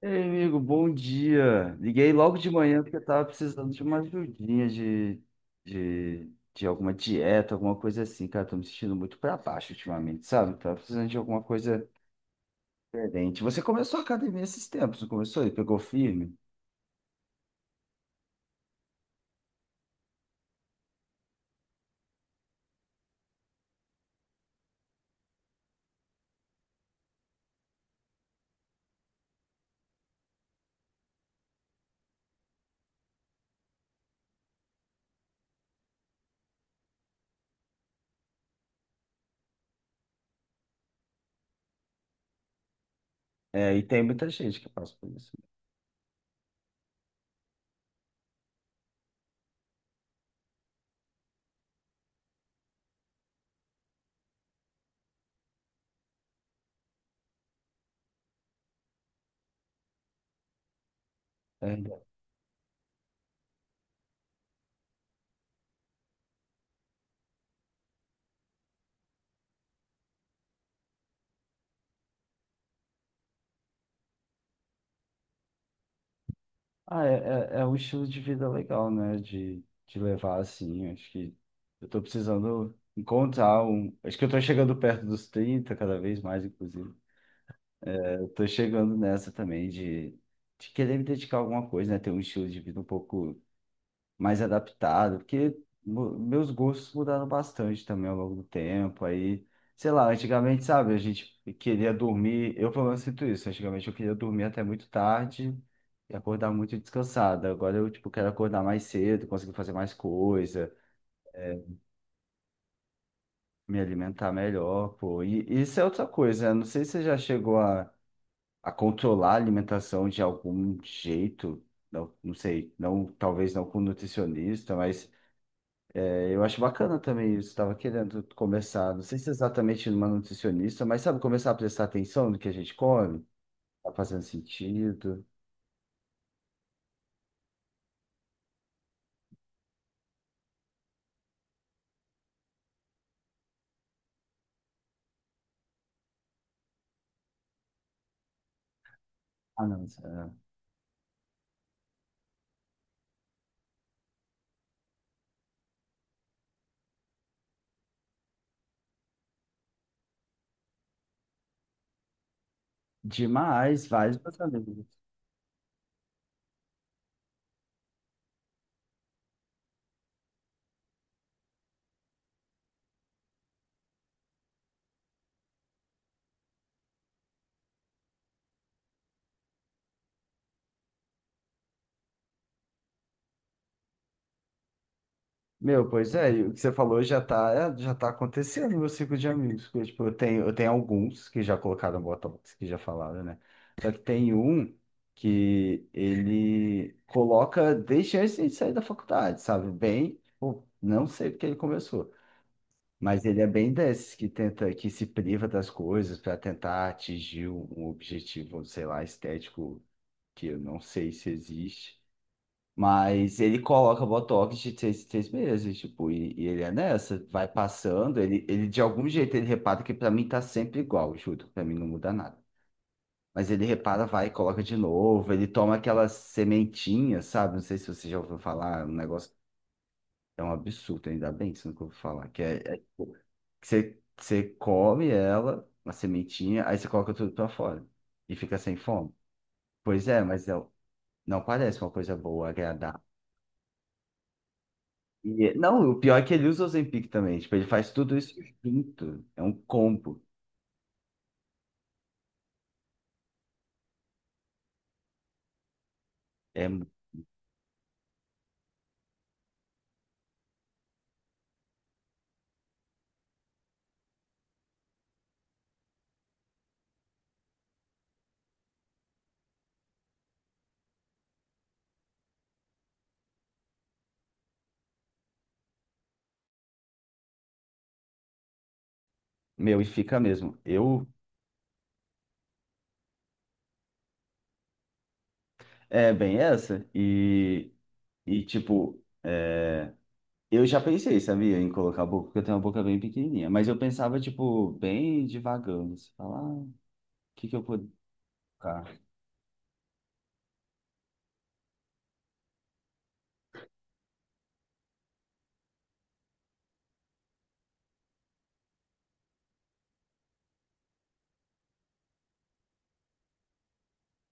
Ei, amigo, bom dia. Liguei logo de manhã porque eu tava precisando de uma ajudinha de alguma dieta, alguma coisa assim, cara. Tô me sentindo muito pra baixo ultimamente, sabe? Tava precisando de alguma coisa diferente. Você começou a academia esses tempos, não começou? E pegou firme? É, e tem muita gente que passa por isso. É. Ah, é, é, é um estilo de vida legal, né? De levar assim. Acho que eu tô precisando encontrar um. Acho que eu tô chegando perto dos 30 cada vez mais, inclusive. Eu tô chegando nessa também de querer me dedicar a alguma coisa, né? Ter um estilo de vida um pouco mais adaptado, porque meus gostos mudaram bastante também ao longo do tempo. Aí, sei lá, antigamente, sabe, a gente queria dormir, eu pelo menos sinto isso. Antigamente eu queria dormir até muito tarde e acordar muito descansado. Agora eu, tipo, quero acordar mais cedo, conseguir fazer mais coisa, me alimentar melhor, pô. E isso é outra coisa, né? Não sei se você já chegou a controlar a alimentação de algum jeito, não, não sei, não, talvez não com nutricionista, mas é, eu acho bacana também isso. Estava querendo começar, não sei se é exatamente numa nutricionista, mas sabe, começar a prestar atenção no que a gente come, tá fazendo sentido. Ah, não, demais, vários meus amigos. Meu, pois é, e o que você falou já tá acontecendo no meu ciclo de amigos. Porque, tipo, eu tenho alguns que já colocaram Botox, que já falaram, né? Só que tem um que ele coloca desde antes de sair da faculdade, sabe? Bem, tipo, não sei porque ele começou, mas ele é bem desses que tenta, que se priva das coisas para tentar atingir um objetivo, sei lá, estético, que eu não sei se existe. Mas ele coloca Botox de seis três meses, tipo, e ele é nessa, vai passando, ele de algum jeito ele repara que pra mim tá sempre igual, juro, pra mim não muda nada. Mas ele repara, vai, e coloca de novo, ele toma aquela sementinha, sabe? Não sei se você já ouviu falar, é um negócio é um absurdo, ainda bem que você nunca ouviu falar, que é, é tipo, que você come ela, uma sementinha, aí você coloca tudo pra fora e fica sem fome. Pois é, mas não, não parece uma coisa boa, agradável. E, não, o pior é que ele usa o Ozempic também. Tipo, ele faz tudo isso junto. É um combo. É, meu, e fica mesmo. Eu, é bem essa. E tipo, é, eu já pensei, sabia, em colocar a boca, porque eu tenho uma boca bem pequenininha. Mas eu pensava, tipo, bem devagando. Assim, falar, ah, o que que eu poderia colocar?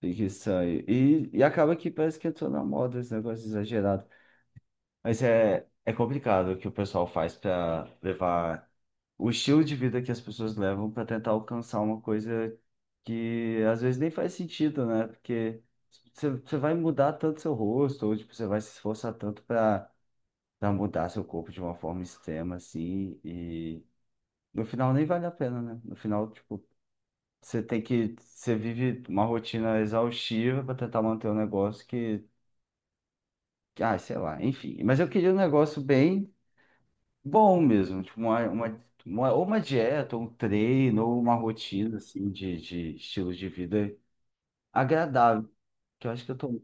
Tem que sair. E acaba que parece que entrou na moda esse negócio exagerado. Mas é, é complicado o que o pessoal faz para levar o estilo de vida que as pessoas levam para tentar alcançar uma coisa que às vezes nem faz sentido, né? Porque você vai mudar tanto seu rosto, ou tipo, você vai se esforçar tanto para mudar seu corpo de uma forma extrema, assim, e no final nem vale a pena, né? No final, tipo, você tem que, você vive uma rotina exaustiva para tentar manter um negócio que, ah, sei lá, enfim. Mas eu queria um negócio bem bom mesmo, tipo uma ou uma dieta, ou um treino, ou uma rotina assim de estilo de vida agradável, que eu acho que eu tô.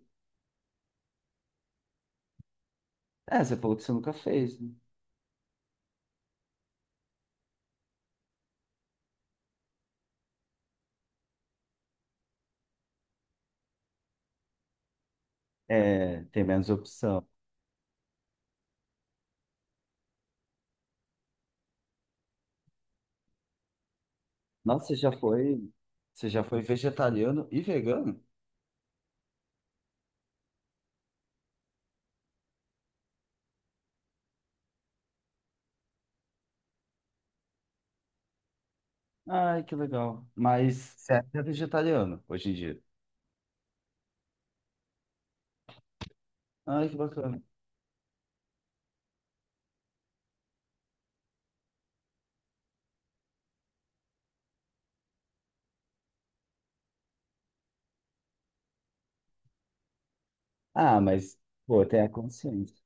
É, você falou que você nunca fez, né? É, tem menos opção. Nossa, você já foi vegetariano e vegano? Ai, que legal. Mas você é vegetariano hoje em dia. Ai, que bacana. Ah, mas, pô, tem a consciência.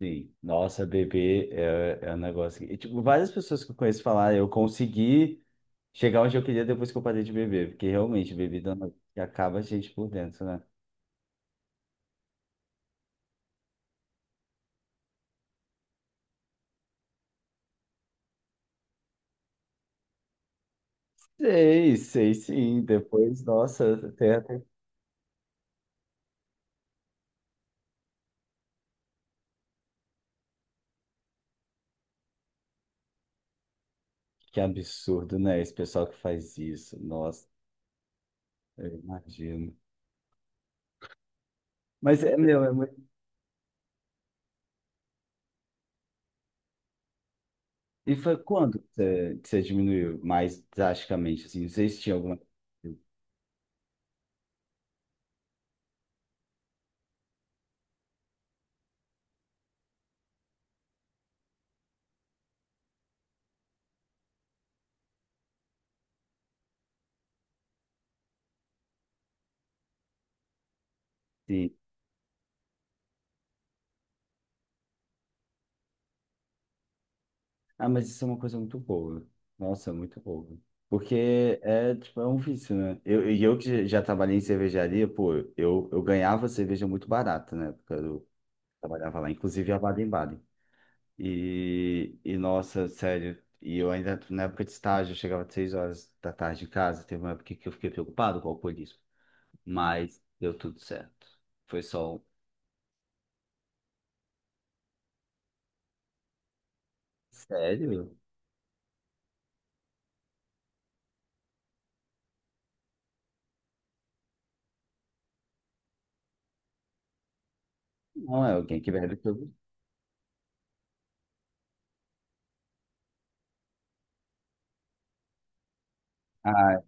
Sim. Nossa, bebê é, é um negócio que… E, tipo, várias pessoas que eu conheço falar, eu consegui chegar onde eu queria depois que eu parei de beber, porque realmente bebida é um negócio que acaba a gente por dentro, né? Sei, sei sim. Depois, nossa, até, que absurdo, né? Esse pessoal que faz isso, nossa, eu imagino. Mas é, meu, é muito… E foi quando que você diminuiu mais drasticamente, assim? Não sei se tinha alguma… Sim. Ah, mas isso é uma coisa muito boa. Nossa, muito boa. Porque é, tipo, é um vício, né? Eu, e eu que já trabalhei em cervejaria, pô, eu ganhava cerveja muito barata, né? Porque eu trabalhava lá, inclusive a Baden-Baden. E, nossa, sério, e eu ainda, na época de estágio, eu chegava às 6 horas da tarde em casa. Teve uma época que eu fiquei preocupado com o alcoolismo, mas deu tudo certo. Foi só um… Sério? Não é alguém que bebe todo. Ah,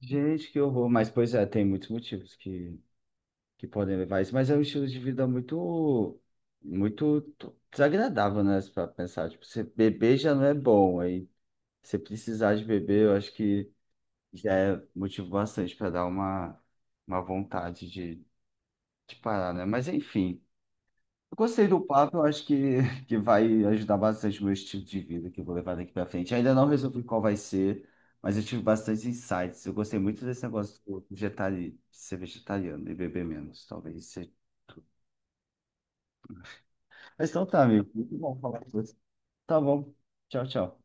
gente, que horror. Mas, pois é, tem muitos motivos que podem levar a isso, mas é um estilo de vida muito, muito desagradável, né? Para pensar, tipo, você beber já não é bom, aí você precisar de beber, eu acho que já é motivo bastante para dar uma vontade de parar, né? Mas enfim, eu gostei do papo, eu acho que, que vai ajudar bastante o meu estilo de vida que eu vou levar daqui para frente. Ainda não resolvi qual vai ser. Mas eu tive bastante insights. Eu gostei muito desse negócio do de ser vegetariano e beber menos. Talvez seja. Mas então tá, amigo. Muito bom falar com você. Tá bom. Tchau, tchau.